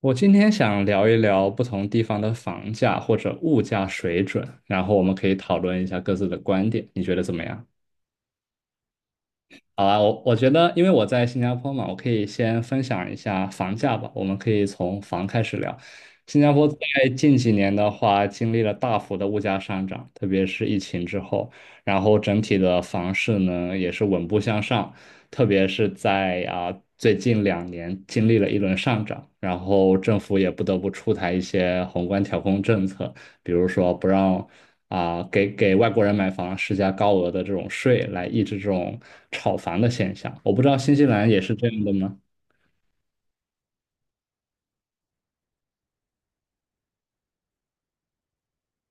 我今天想聊一聊不同地方的房价或者物价水准，然后我们可以讨论一下各自的观点，你觉得怎么样？好啊，我觉得，因为我在新加坡嘛，我可以先分享一下房价吧。我们可以从房开始聊。新加坡在近几年的话，经历了大幅的物价上涨，特别是疫情之后，然后整体的房市呢也是稳步向上，特别是在最近2年经历了一轮上涨，然后政府也不得不出台一些宏观调控政策，比如说不让啊、给给外国人买房施加高额的这种税，来抑制这种炒房的现象。我不知道新西兰也是这样的吗？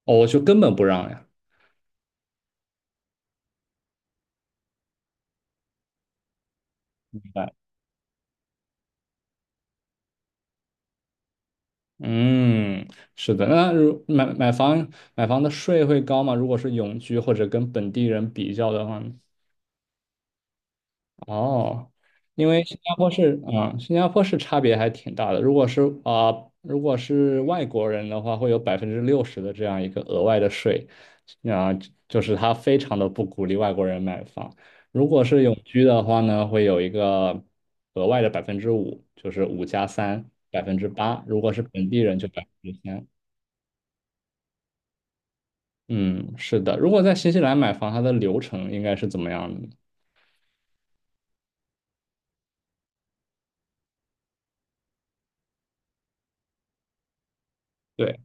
哦，我就根本不让呀。明白。嗯，是的。那如买买房买房的税会高吗？如果是永居或者跟本地人比较的话呢？哦，因为新加坡是差别还挺大的。如果是外国人的话，会有60%的这样一个额外的税。啊、就是他非常的不鼓励外国人买房。如果是永居的话呢，会有一个额外的百分之五，就是五加三，8%。如果是本地人就3%。嗯，是的。如果在新西兰买房，它的流程应该是怎么样的呢？对。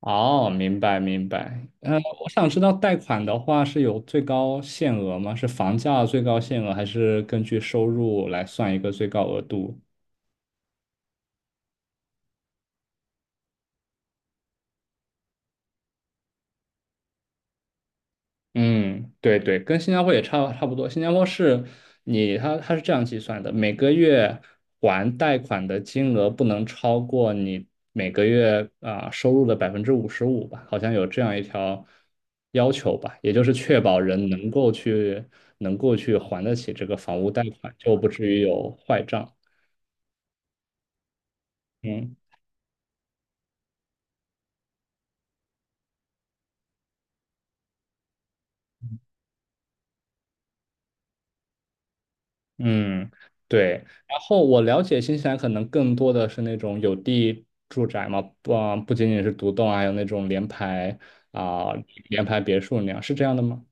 哦，明白明白。嗯，我想知道贷款的话是有最高限额吗？是房价最高限额，还是根据收入来算一个最高额度？嗯，对对，跟新加坡也差不多。新加坡是你，它它是这样计算的，每个月还贷款的金额不能超过你每个月收入的55%吧，好像有这样一条要求吧，也就是确保人能够去还得起这个房屋贷款，就不至于有坏账。嗯。嗯，对。然后我了解新西兰可能更多的是那种有地住宅嘛，不仅仅是独栋，还有那种啊、联排别墅那样，是这样的吗？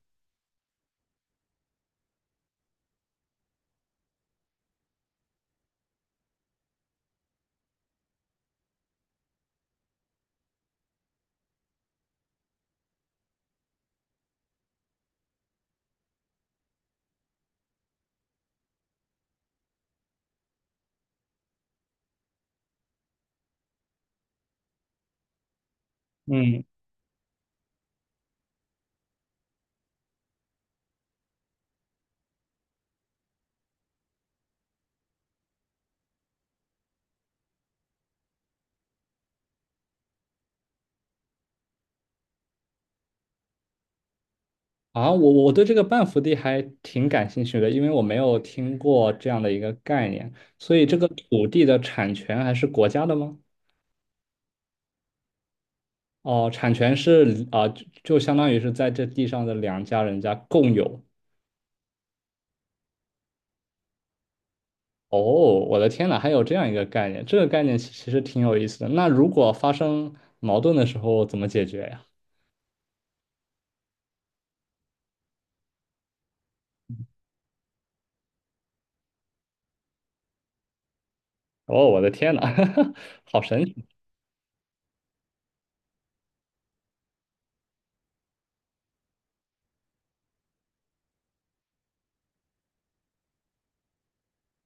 嗯，我对这个半幅地还挺感兴趣的，因为我没有听过这样的一个概念，所以这个土地的产权还是国家的吗？哦，产权就相当于是在这地上的两家人家共有。哦，我的天呐，还有这样一个概念，这个概念其实挺有意思的。那如果发生矛盾的时候怎么解决呀？哦，我的天呐，好神奇！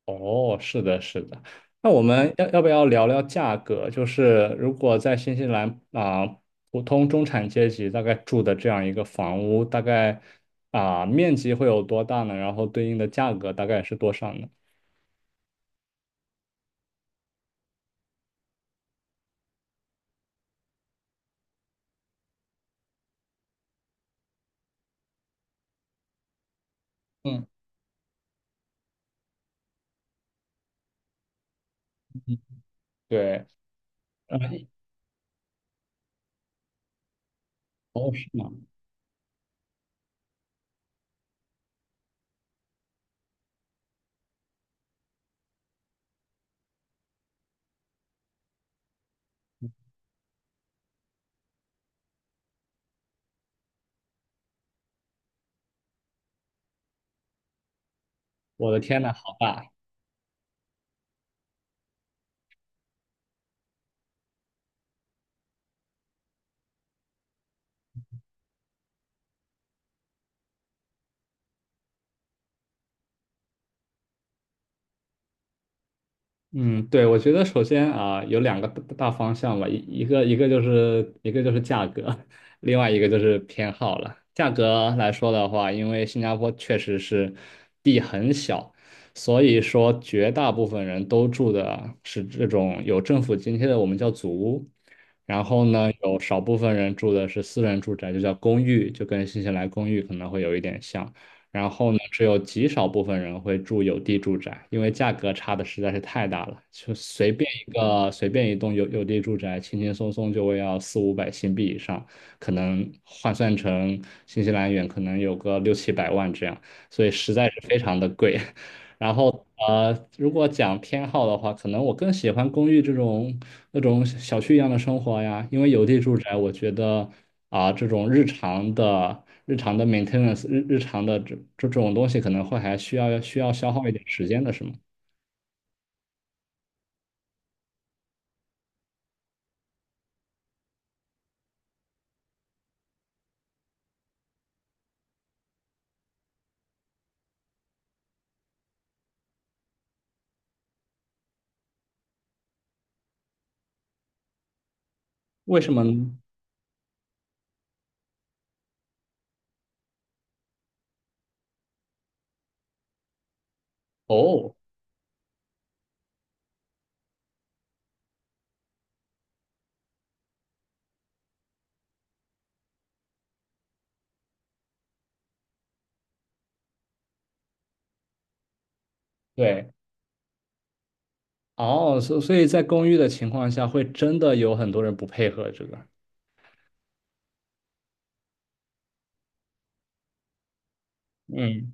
哦，是的，是的。那我们要不要聊聊价格？就是如果在新西兰普通中产阶级大概住的这样一个房屋，大概面积会有多大呢？然后对应的价格大概是多少呢？嗯，对，呃，哦，是吗？我的天呐，好大！嗯，对，我觉得首先啊，有两个大方向吧，一个就是价格，另外一个就是偏好了。价格来说的话，因为新加坡确实是地很小，所以说绝大部分人都住的是这种有政府津贴的，我们叫祖屋。然后呢，有少部分人住的是私人住宅，就叫公寓，就跟新西兰公寓可能会有一点像。然后呢，只有极少部分人会住有地住宅，因为价格差的实在是太大了。就随便一栋有地住宅，轻轻松松就会要四五百新币以上，可能换算成新西兰元，可能有个六七百万这样，所以实在是非常的贵。然后如果讲偏好的话，可能我更喜欢公寓那种小区一样的生活呀。因为有地住宅，我觉得这种日常的 maintenance 日常的这种东西，可能会还需要消耗一点时间的，是吗？为什么呢？哦，对，哦，所以在公寓的情况下，会真的有很多人不配合这个。嗯，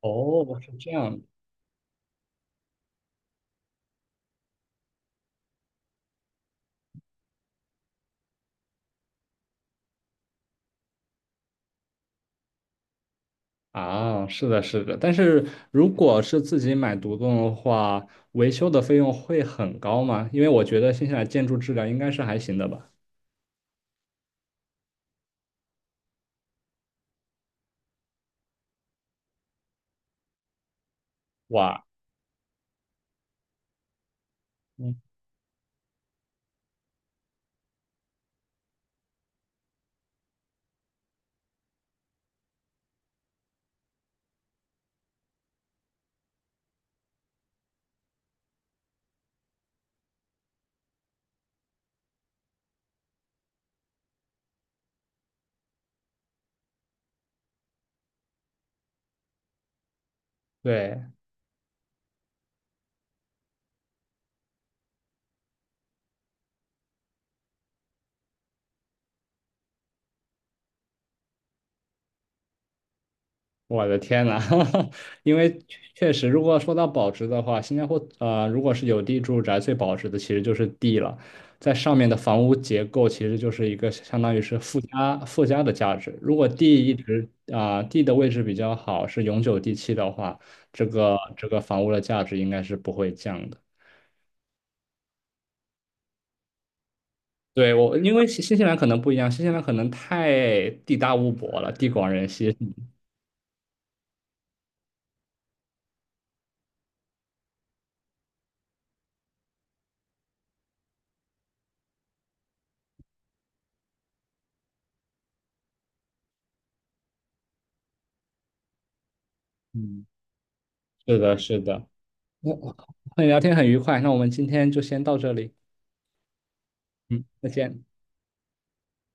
哦，是这样啊，是的，是的，但是如果是自己买独栋的话，维修的费用会很高吗？因为我觉得新西兰建筑质量应该是还行的吧。哇，嗯，对，我的天呐，因为确实，如果说到保值的话，新加坡如果是有地住宅，最保值的其实就是地了，在上面的房屋结构其实就是一个相当于是附加的价值。如果地一直啊、地的位置比较好，是永久地契的话，这个房屋的价值应该是不会降的。对。因为新西兰可能不一样，新西兰可能太地大物博了，地广人稀。嗯，是的，是的。我和你 聊天很愉快，那我们今天就先到这里，嗯，再见。